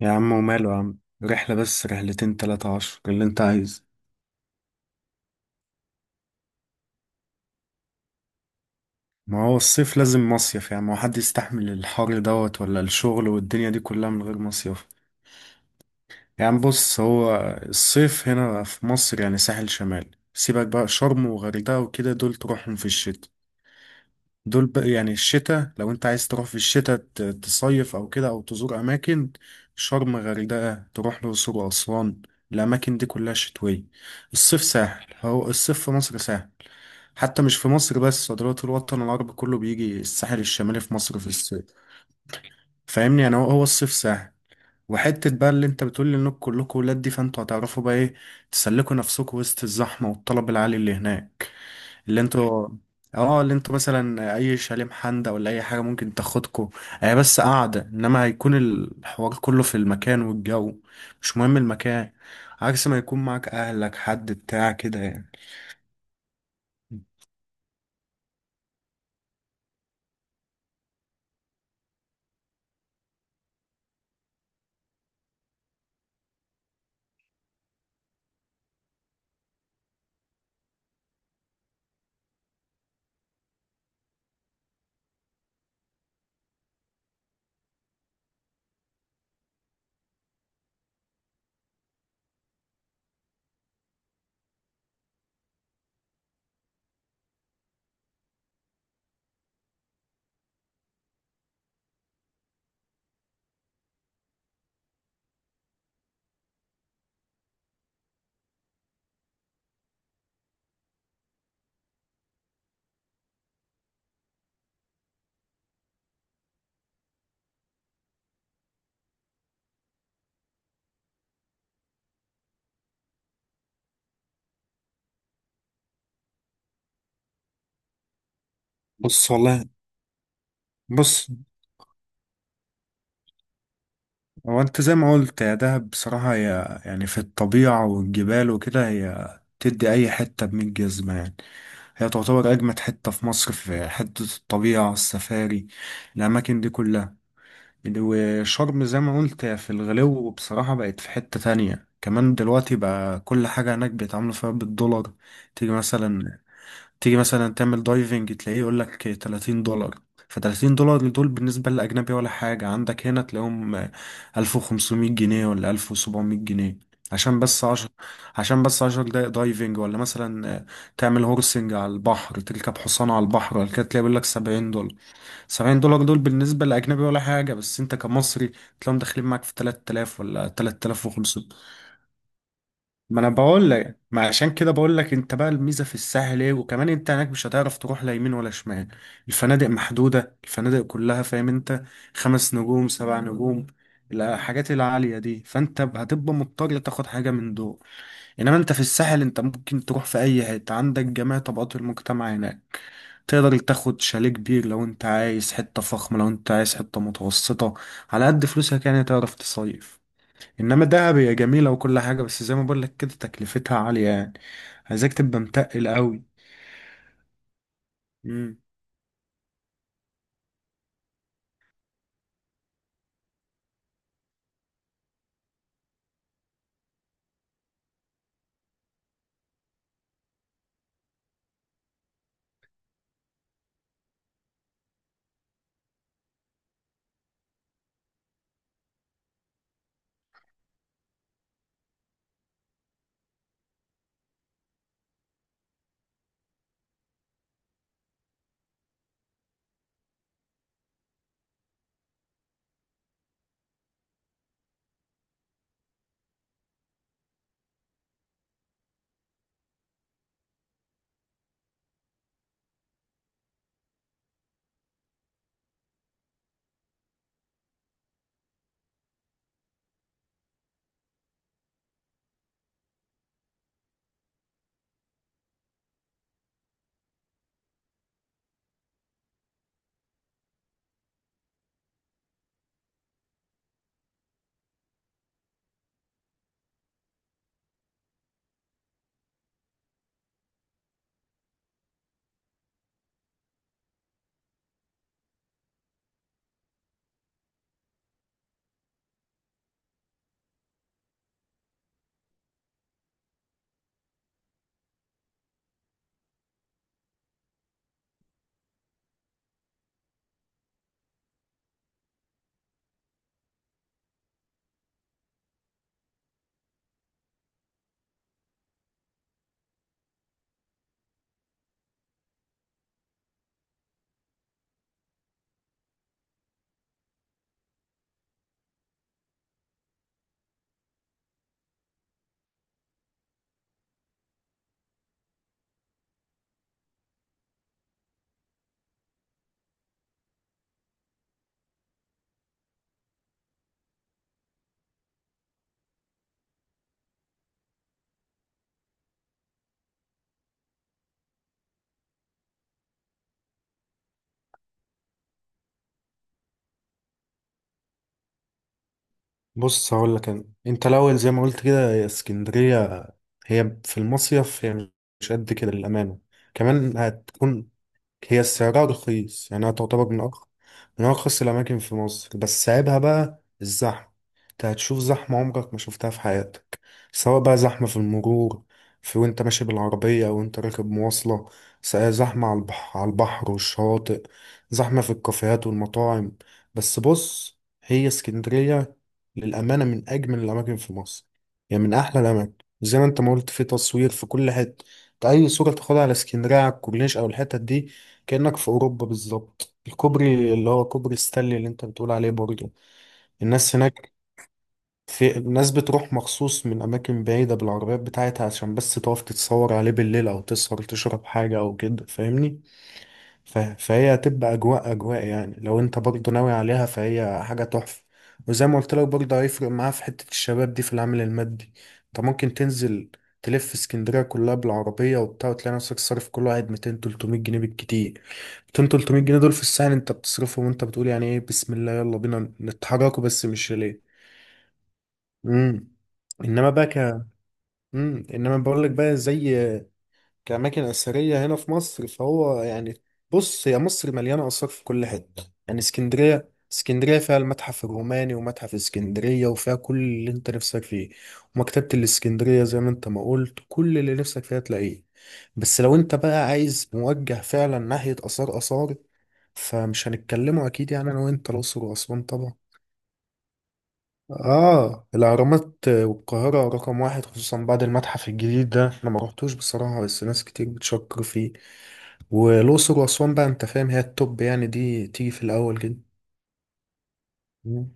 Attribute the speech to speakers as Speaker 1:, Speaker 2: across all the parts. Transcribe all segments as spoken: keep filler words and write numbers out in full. Speaker 1: يا عم وماله يا عم. رحلة بس رحلتين تلاتة عشر اللي انت عايز. ما هو الصيف لازم مصيف، يعني ما هو حد يستحمل الحر دوت ولا الشغل والدنيا دي كلها من غير مصيف. يعني بص هو، الصيف هنا في مصر يعني ساحل شمال، سيبك بقى شرم وغردقة وكده دول تروحهم في الشتاء. دول بقى يعني الشتاء، لو انت عايز تروح في الشتاء ت- تصيف او كده او تزور اماكن. شرم غردقة، تروح الأقصر وأسوان. الأماكن دي كلها شتوية. الصيف ساحل، هو الصيف في مصر ساحل. حتى مش في مصر بس، ده دلوقتي الوطن العربي كله بيجي الساحل الشمالي في مصر في الصيف. فاهمني يعني هو هو الصيف ساحل. وحتة بقى، اللي انت بتقول لي انكم كلكم ولاد دي، فانتوا هتعرفوا بقى ايه تسلكوا نفسكم وسط الزحمة والطلب العالي اللي هناك. اللي انتوا اه اللي انتوا مثلا اي شاليه محندق ولا اي حاجة ممكن تاخدكوا. هي بس قاعدة، انما هيكون الحوار كله في المكان والجو، مش مهم المكان. عكس ما يكون معاك اهلك حد بتاع كده يعني. بص والله، بص هو انت زي ما قلت يا دهب، بصراحة هي يعني في الطبيعة والجبال وكده، هي تدي أي حتة بمية جزمة يعني. هي تعتبر أجمد حتة في مصر في حتة الطبيعة السفاري، الأماكن دي كلها. وشرم زي ما قلت هي في الغلو، بصراحة بقت في حتة تانية كمان دلوقتي، بقى كل حاجة هناك بيتعاملوا فيها بالدولار. تيجي مثلا تيجي مثلا تعمل دايفنج تلاقيه يقول لك تلاتين دولار. ف تلاتين دولار دول بالنسبة للأجنبي ولا حاجة، عندك هنا تلاقيهم ألف وخمسمية جنيه ولا ألف وسبعمائة جنيه. عشان بس عشر عشان بس عشر دقايق دايفنج. ولا مثلا آه، تعمل هورسنج على البحر تركب حصان على البحر ولا كده تلاقي بيقول لك سبعين دولار. سبعين دولار دول بالنسبة للأجنبي ولا حاجة، بس أنت كمصري تلاقيهم داخلين معاك في تلات آلاف ولا تلات آلاف وخمسمية. ما انا بقول لك، ما عشان كده بقول لك، انت بقى الميزه في الساحل ايه. وكمان انت هناك مش هتعرف تروح لا يمين ولا شمال، الفنادق محدوده الفنادق كلها فاهم انت. خمس نجوم سبع نجوم، الحاجات العاليه دي، فانت هتبقى مضطر تاخد حاجه من دول. انما انت في الساحل انت ممكن تروح في اي حته، عندك جميع طبقات المجتمع هناك. تقدر تاخد شاليه كبير لو انت عايز حته فخمه، لو انت عايز حته متوسطه على قد فلوسك، يعني تعرف تصيف. انما دهب هي جميله وكل حاجه، بس زي ما بقول لك كده تكلفتها عاليه يعني، عايزاك تبقى متقل قوي. امم بص هقول لك انا، انت الاول زي ما قلت كده هي اسكندريه، هي في المصيف هي مش قد كده للامانه. كمان هتكون هي سعرها رخيص، يعني هي تعتبر من أرخص من أرخص الأماكن في مصر، بس عيبها بقى الزحمة. أنت هتشوف زحمة عمرك ما شفتها في حياتك، سواء بقى زحمة في المرور في وأنت ماشي بالعربية أو أنت راكب مواصلة، س- زحمة على البحر على البحر والشواطئ، زحمة في الكافيهات والمطاعم. بس بص، هي اسكندرية للأمانة من أجمل الأماكن في مصر، يعني من أحلى الأماكن. زي ما أنت ما قلت في تصوير في كل حتة، أنت أي صورة تاخدها على اسكندرية على الكورنيش أو الحتت دي كأنك في أوروبا بالظبط. الكوبري اللي هو كوبري ستانلي اللي أنت بتقول عليه برضه، الناس هناك، في الناس بتروح مخصوص من أماكن بعيدة بالعربيات بتاعتها عشان بس تقف تتصور عليه بالليل، أو تسهر تشرب حاجة أو كده فاهمني. ف- فهي هتبقى اجواء اجواء يعني، لو انت برضه ناوي عليها فهي حاجه تحفه. وزي ما قلت لك برضه هيفرق معاها في حته الشباب دي في العامل المادي. انت ممكن تنزل تلف اسكندريه كلها بالعربيه وبتاع، وتلاقي نفسك صارف كل واحد ميتين تلتمية جنيه بالكتير. ميتين تلتمية جنيه دول في الساعه انت بتصرفهم، وانت بتقول يعني ايه، بسم الله يلا بينا نتحركوا، بس مش ليه. امم انما بقى ك... امم انما بقول لك بقى زي كأماكن أثرية هنا في مصر فهو يعني، بص هي مصر مليانة آثار في كل حتة. يعني اسكندرية اسكندرية فيها المتحف الروماني ومتحف اسكندرية وفيها كل اللي انت نفسك فيه. ومكتبة الاسكندرية زي ما انت ما قلت كل اللي نفسك فيها تلاقيه. بس لو انت بقى عايز موجه فعلا ناحية آثار آثار، فمش هنتكلموا أكيد يعني أنا وأنت الأقصر وأسوان طبعا. آه الأهرامات والقاهرة رقم واحد، خصوصا بعد المتحف الجديد ده، أنا ما رحتوش بصراحة بس ناس كتير بتشكر فيه. والاقصر واسوان بقى انت فاهم هي التوب، يعني دي تيجي في الاول كده. مم.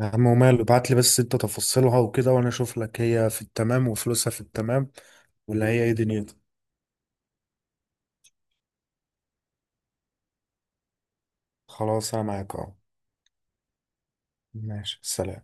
Speaker 1: يا عم وماله، ابعت لي بس انت تفاصيلها وكده وانا اشوف لك هي في التمام وفلوسها في التمام، ولا هي ايه دنيتها. خلاص انا معاك اهو. ماشي سلام.